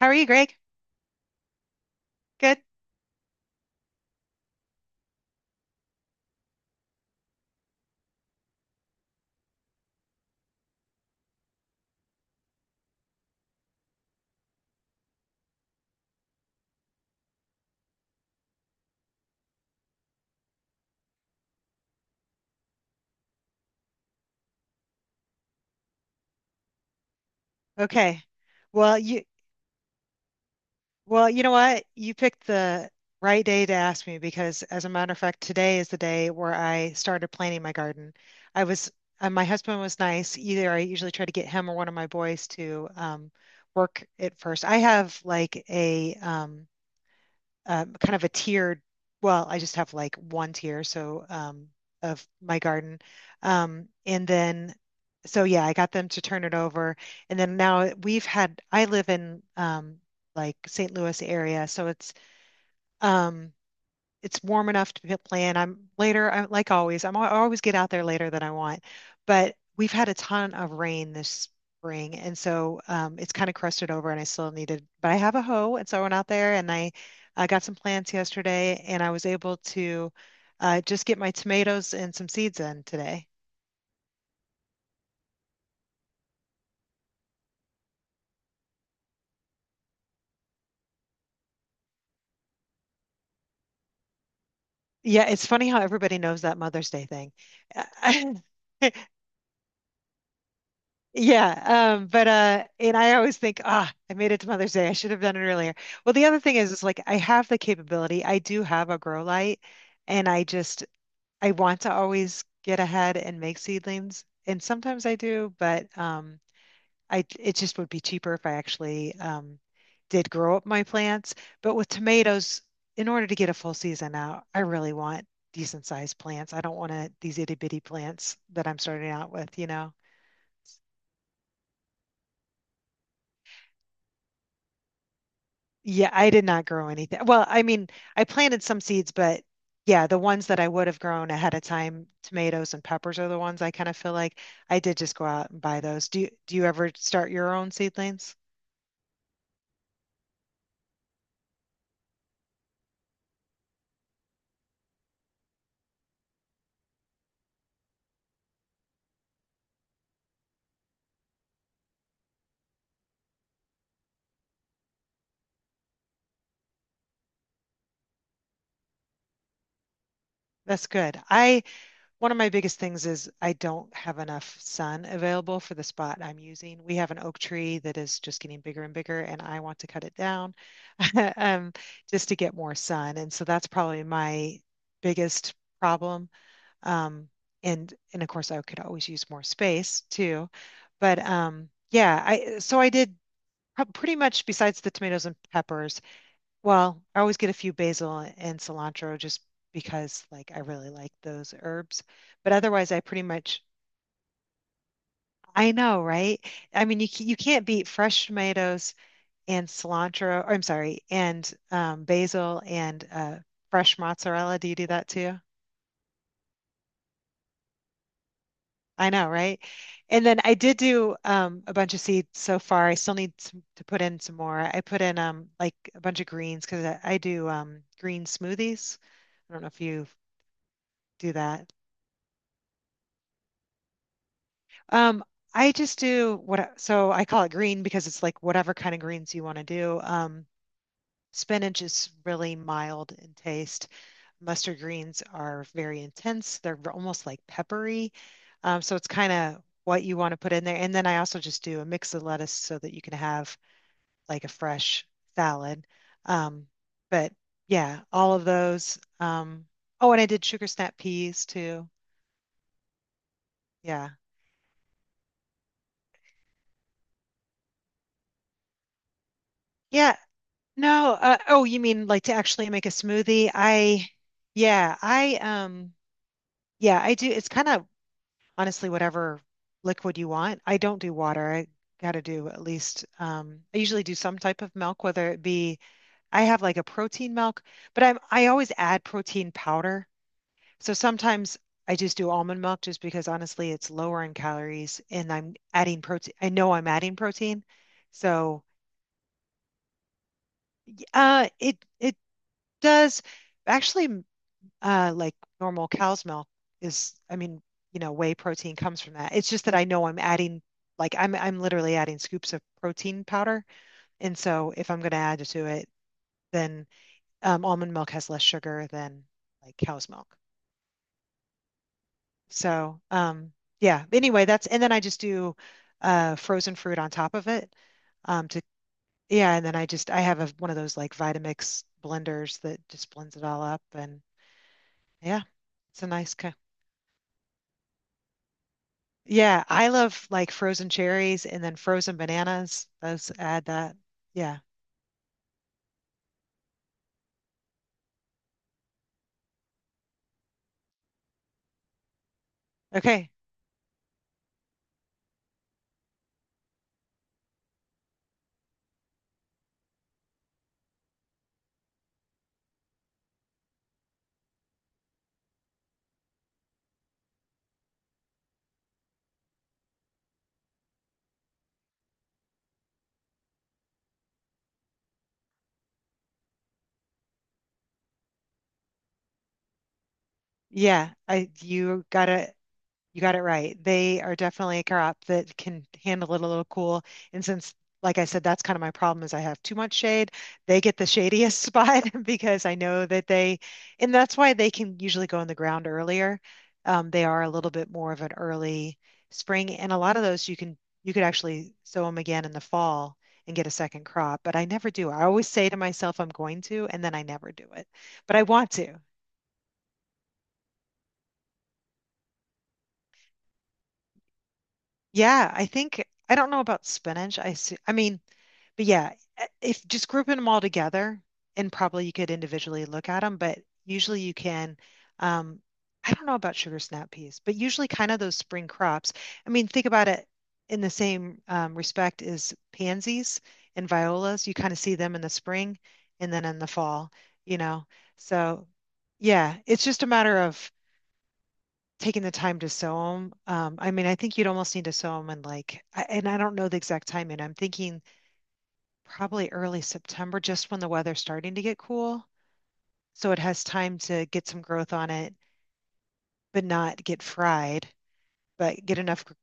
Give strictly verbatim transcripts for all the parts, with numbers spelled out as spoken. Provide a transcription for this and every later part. How are you, Greg? Good? Okay. Well, you well, you know what? You picked the right day to ask me because as a matter of fact, today is the day where I started planting my garden. I was uh, my husband was nice. Either I usually try to get him or one of my boys to um, work it first. I have like a um, um, kind of a tiered, well, I just have like one tier, so um, of my garden. Um, and then, so yeah, I got them to turn it over. And then now we've had, I live in um, like Saint Louis area, so it's um, it's warm enough to p- play in. I'm later, I, like always, I'm, I always get out there later than I want. But we've had a ton of rain this spring, and so um, it's kind of crusted over, and I still needed. But I have a hoe, and so I went out there and I, I got some plants yesterday, and I was able to uh, just get my tomatoes and some seeds in today. Yeah, it's funny how everybody knows that Mother's Day thing. I Yeah, um, but uh, and I always think, ah, I made it to Mother's Day. I should have done it earlier. Well, the other thing is, is like I have the capability. I do have a grow light, and I just I want to always get ahead and make seedlings, and sometimes I do, but um, I it just would be cheaper if I actually um did grow up my plants. But with tomatoes, in order to get a full season out, I really want decent sized plants. I don't want to these itty bitty plants that I'm starting out with, you know. Yeah, I did not grow anything. Well, I mean, I planted some seeds, but yeah, the ones that I would have grown ahead of time, tomatoes and peppers are the ones I kind of feel like I did just go out and buy those. Do you do you ever start your own seedlings? That's good. I One of my biggest things is I don't have enough sun available for the spot I'm using. We have an oak tree that is just getting bigger and bigger, and I want to cut it down um, just to get more sun. And so that's probably my biggest problem. Um, and and of course I could always use more space too. But um, yeah, I so I did pretty much besides the tomatoes and peppers. Well, I always get a few basil and cilantro just because like I really like those herbs. But otherwise, I pretty much I know, right? I mean, you ca- you can't beat fresh tomatoes and cilantro. Or, I'm sorry, and um, basil and uh, fresh mozzarella. Do you do that too? I know, right? And then I did do um, a bunch of seeds so far. I still need some, to put in some more. I put in um, like a bunch of greens because I, I do um, green smoothies. I don't know if you do that. Um, I just do what, I- so I call it green because it's like whatever kind of greens you want to do. Um, spinach is really mild in taste. Mustard greens are very intense. They're almost like peppery. Um, so it's kind of what you want to put in there. And then I also just do a mix of lettuce so that you can have like a fresh salad. Um, but yeah, all of those. Um, oh, and I did sugar snap peas too. Yeah. Yeah. No. Uh, oh, you mean like to actually make a smoothie? I, yeah, I, um, yeah, I do. It's kind of honestly whatever liquid you want. I don't do water. I got to do at least um, I usually do some type of milk, whether it be I have like a protein milk, but I'm I always add protein powder. So sometimes I just do almond milk just because honestly it's lower in calories and I'm adding protein. I know I'm adding protein. So y- uh it it does actually uh, like normal cow's milk is, I mean, you know, whey protein comes from that. It's just that I know I'm adding, like I'm I'm literally adding scoops of protein powder, and so if I'm going to add to it, then um, almond milk has less sugar than like cow's milk. So um, yeah. Anyway, that's and then I just do uh, frozen fruit on top of it um, to yeah, and then I just I have a, one of those like Vitamix blenders that just blends it all up, and yeah, it's a nice kind. Yeah, I love like frozen cherries and then frozen bananas. Those add that. Yeah. Okay. Yeah, I you gotta you got it right. They are definitely a crop that can handle it a little cool. And since, like I said, that's kind of my problem is I have too much shade. They get the shadiest spot because I know that they, and that's why they can usually go in the ground earlier. Um, they are a little bit more of an early spring, and a lot of those you can you could actually sow them again in the fall and get a second crop. But I never do. I always say to myself I'm going to, and then I never do it. But I want to. Yeah, I think I don't know about spinach. I see, I mean, but yeah, i- if just grouping them all together, and probably you could individually look at them, but usually you can. Um, I don't know about sugar snap peas, but usually kind of those spring crops. I mean, think about it in the same um, respect as pansies and violas. You kind of see them in the spring and then in the fall, you know. So yeah, it's just a matter of taking the time to sew them. Um, I mean, I think you'd almost need to sew them in like, I- and I don't know the exact timing. I'm thinking probably early September, just when the weather's starting to get cool. So it has time to get some growth on it, but not get fried, but get enough. gr-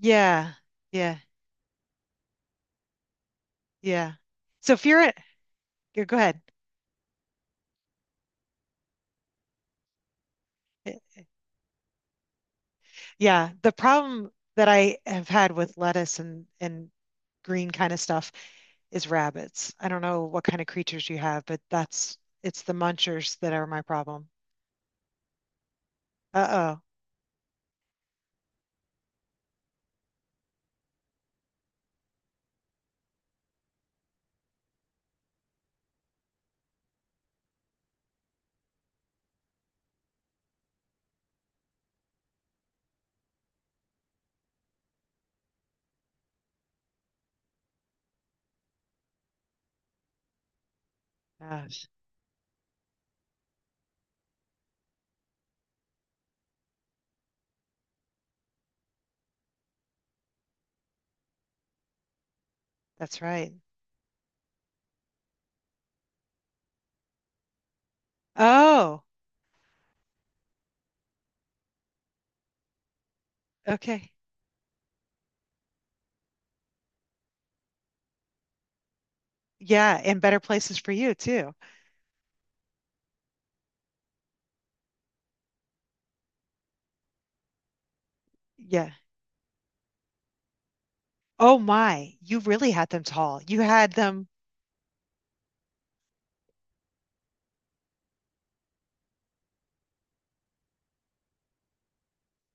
Yeah, yeah, yeah. So if you're at, you go ahead. Eh, yeah, the problem that I have had with lettuce and and green kind of stuff is rabbits. I don't know what kind of creatures you have, but that's it's the munchers that are my problem. Uh-oh. Uh, that's right. Oh, okay. Yeah, and better places for you too. Yeah. Oh my, you really had them tall. You had them.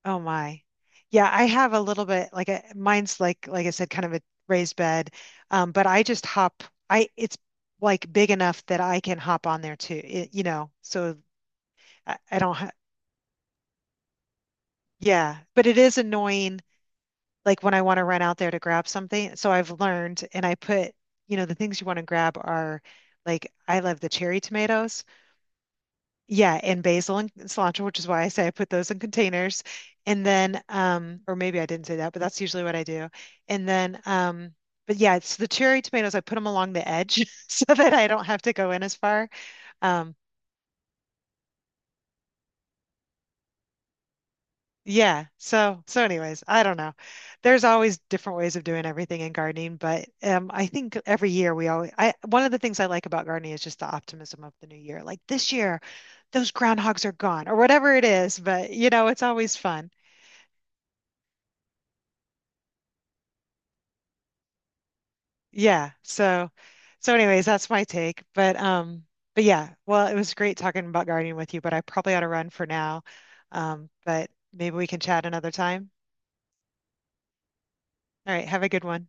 Oh my. Yeah, I have a little bit like a, mine's like like I said kind of a raised bed. Um, but I just hop I it's like big enough that I can hop on there too. It, you know, so I, I don't ha yeah, but it is annoying like when I want to run out there to grab something. So I've learned, and I put, you know, the things you want to grab are like I love the cherry tomatoes. Yeah, and basil and cilantro, which is why I say I put those in containers. And then, um, or maybe I didn't say that, but that's usually what I do. And then, um, but yeah, it's the cherry tomatoes. I put them along the edge so that I don't have to go in as far. Um, Yeah. So, so anyways, I don't know. There's always different ways of doing everything in gardening, but um, I think every year we always, I, one of the things I like about gardening is just the optimism of the new year. Like this year, those groundhogs are gone or whatever it is, but you know, it's always fun. Yeah. So, so anyways, that's my take. But, um, but yeah, well, it was great talking about gardening with you, but I probably ought to run for now. Um, but maybe we can chat another time. All right. Have a good one.